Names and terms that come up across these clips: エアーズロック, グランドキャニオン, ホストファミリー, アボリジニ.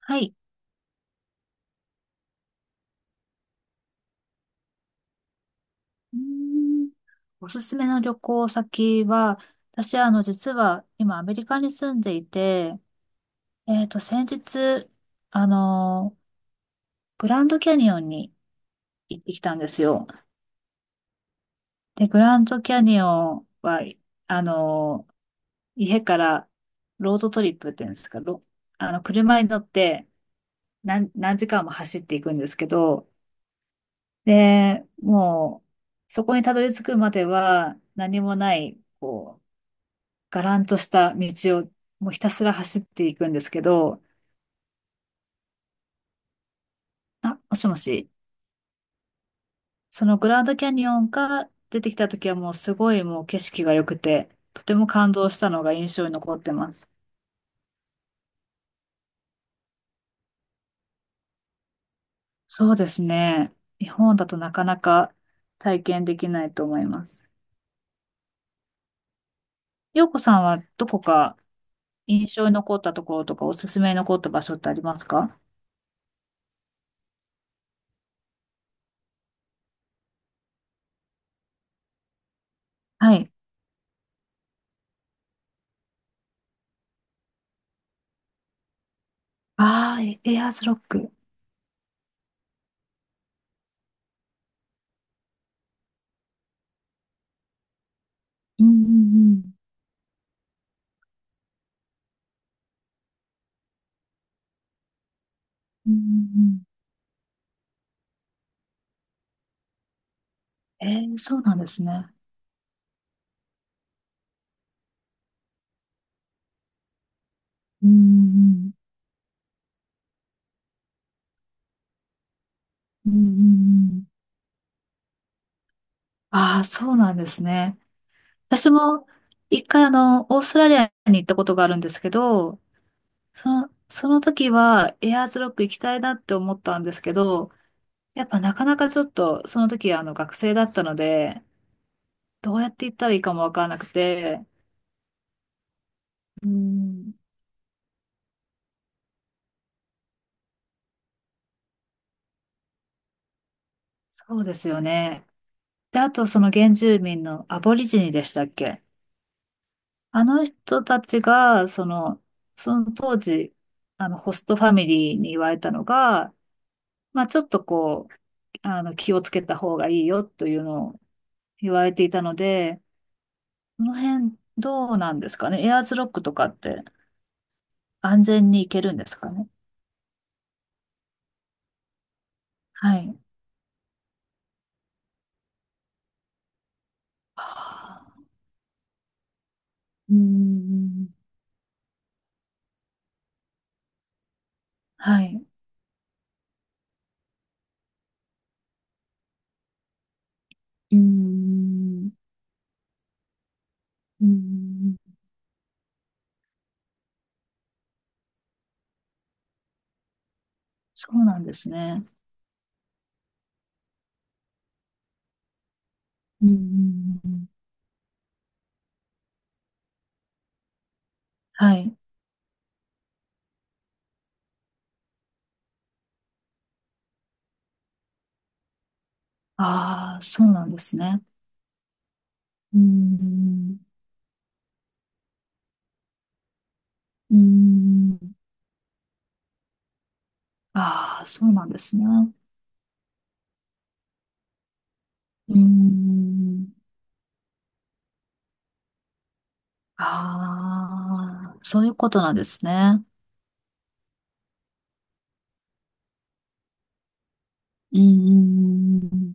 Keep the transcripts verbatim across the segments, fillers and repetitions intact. はい。うーんおすすめの旅行先は、私はあの実は今アメリカに住んでいて、えっと先日、あの、グランドキャニオンに行ってきたんですよ。で、グランドキャニオンは、あの、家からロードトリップっていうんですか、ろあの、車に乗って何、何時間も走っていくんですけど、で、もう、そこにたどり着くまでは何もない、こう、がらんとした道をもうひたすら走っていくんですけど、あ、もしもし、そのグランドキャニオンが出てきた時はもうすごいもう景色が良くて、とても感動したのが印象に残ってます。そうですね。日本だとなかなか体験できないと思います。洋子さんはどこか印象に残ったところとかおすすめに残った場所ってありますか？はい。ああ、エエアーズロック。うんうんうん。うんうんうん。えー、そうなんですね。うんうんうん。うんうんうん。ああ、そうなんですね。私も一回あの、オーストラリアに行ったことがあるんですけど、その、その時はエアーズロック行きたいなって思ったんですけど、やっぱなかなかちょっとその時あの学生だったので、どうやって行ったらいいかもわからなくて、うん、そうですよね。で、あとその原住民のアボリジニでしたっけ？あの人たちが、その、その当時、あの、ホストファミリーに言われたのが、まあちょっとこう、あの、気をつけた方がいいよというのを言われていたので、この辺どうなんですかね。エアーズロックとかって安全に行けるんですかね。はい。はあ。うーん。はい。うーん。うーん。そうなんですね。うーん。はい。ああ、そうなんですね。うーん。うーん。ああ、そうなんですね。うーん。ああ、そういうことなんですね。うーん、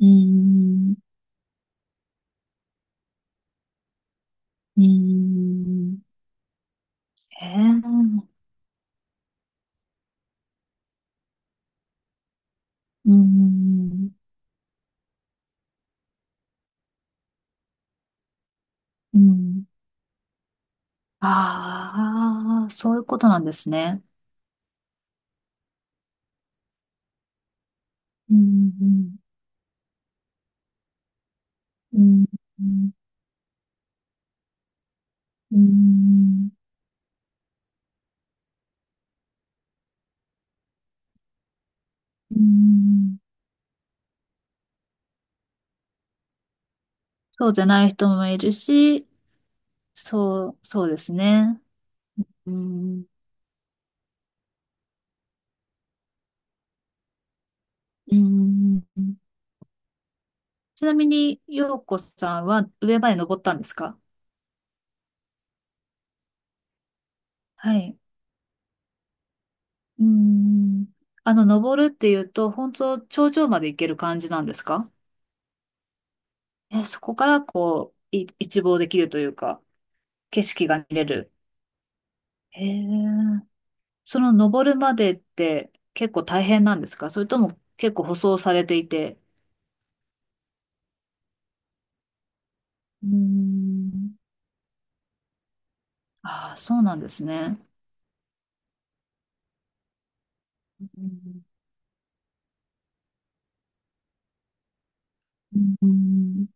うーん、うーん、ええ、うーん、うん。ああ、そういうことなんですね。うん、うん、うん、うん、うん。そうじゃない人もいるし、そう、そうですね。うん、うん。ちなみに、陽子さんは上まで登ったんですか？はい。うーん。あの、登るっていうと、本当頂上まで行ける感じなんですか？え、そこからこう、い一望できるというか、景色が見れる。へえ。その登るまでって結構大変なんですか？それとも結構舗装されていて。うーん。ああ、そうなんですね。うんうん、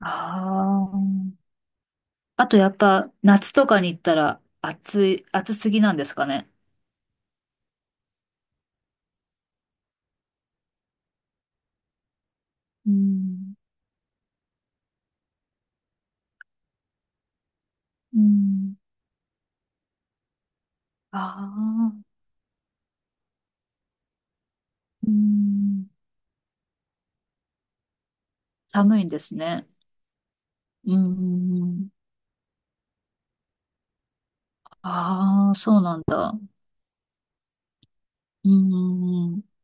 ああ。あとやっぱ夏とかに行ったら暑い、暑すぎなんですかね。うん。うん。あうーん、寒いんですね。うーん。ああ、そうなんだ。うーん。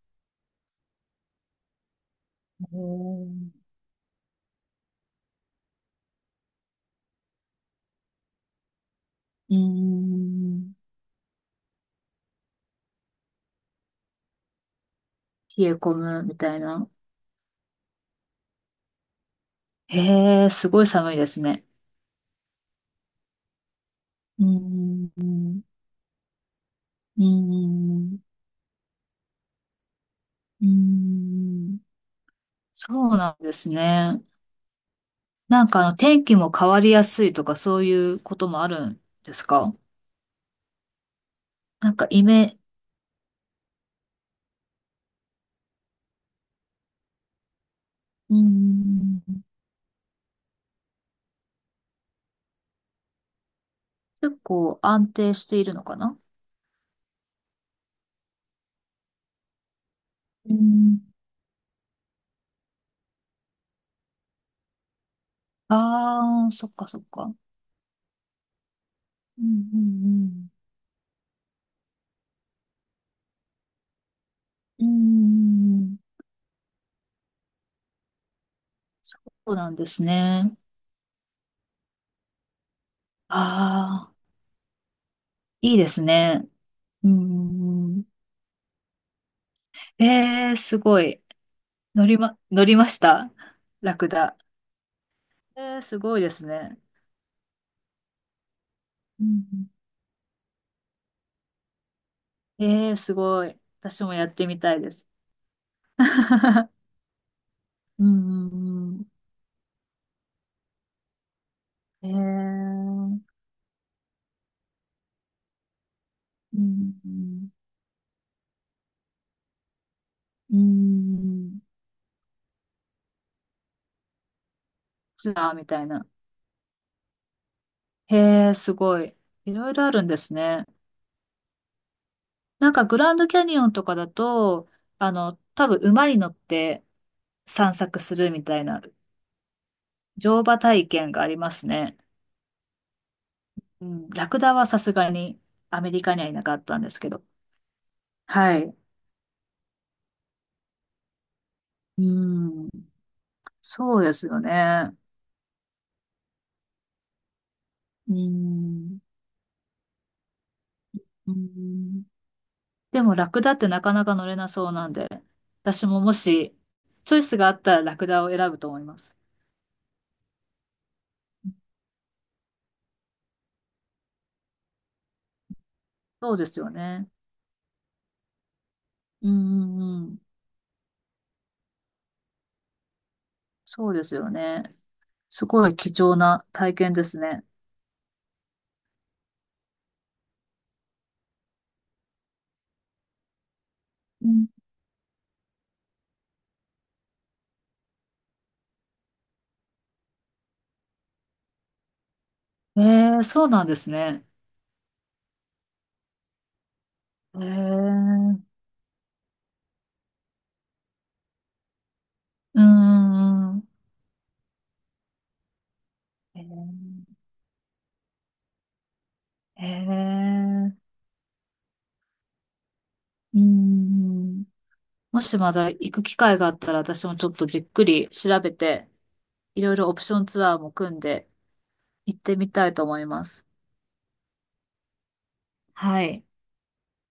おーうーん。冷え込むみたいな。へえ、すごい寒いですね。うーん。うーん。うーん。そうなんですね。なんかあの天気も変わりやすいとかそういうこともあるんですか？なんかイメ、うーん。結構安定しているのかな？うーんああ、そっかそっか。うんうんうん。うんうんうん。そうなんですね。ああ、いいですね。うんうんうん。えー、すごい。乗りま、乗りました。ラクダ。えー、すごいですね。うんうん、えー、すごい。私もやってみたいです。うんうんうん。えー、うんうんうん。ツアーみたいな。へえ、すごい。いろいろあるんですね。なんかグランドキャニオンとかだと、あの、多分馬に乗って散策するみたいな乗馬体験がありますね。うん、ラクダはさすがにアメリカにはいなかったんですけど。はい。うん、そうですよね。うん、うん、でもラクダってなかなか乗れなそうなんで、私ももしチョイスがあったらラクダを選ぶと思います。そうですよね。うん、うん、うん。そうですよね。すごい貴重な体験ですね。うんえー、そうなんですね。えー、うーん。えー、えーうーん。もしまだ行く機会があったら、私もちょっとじっくり調べて、いろいろオプションツアーも組んで行ってみたいと思います。はい。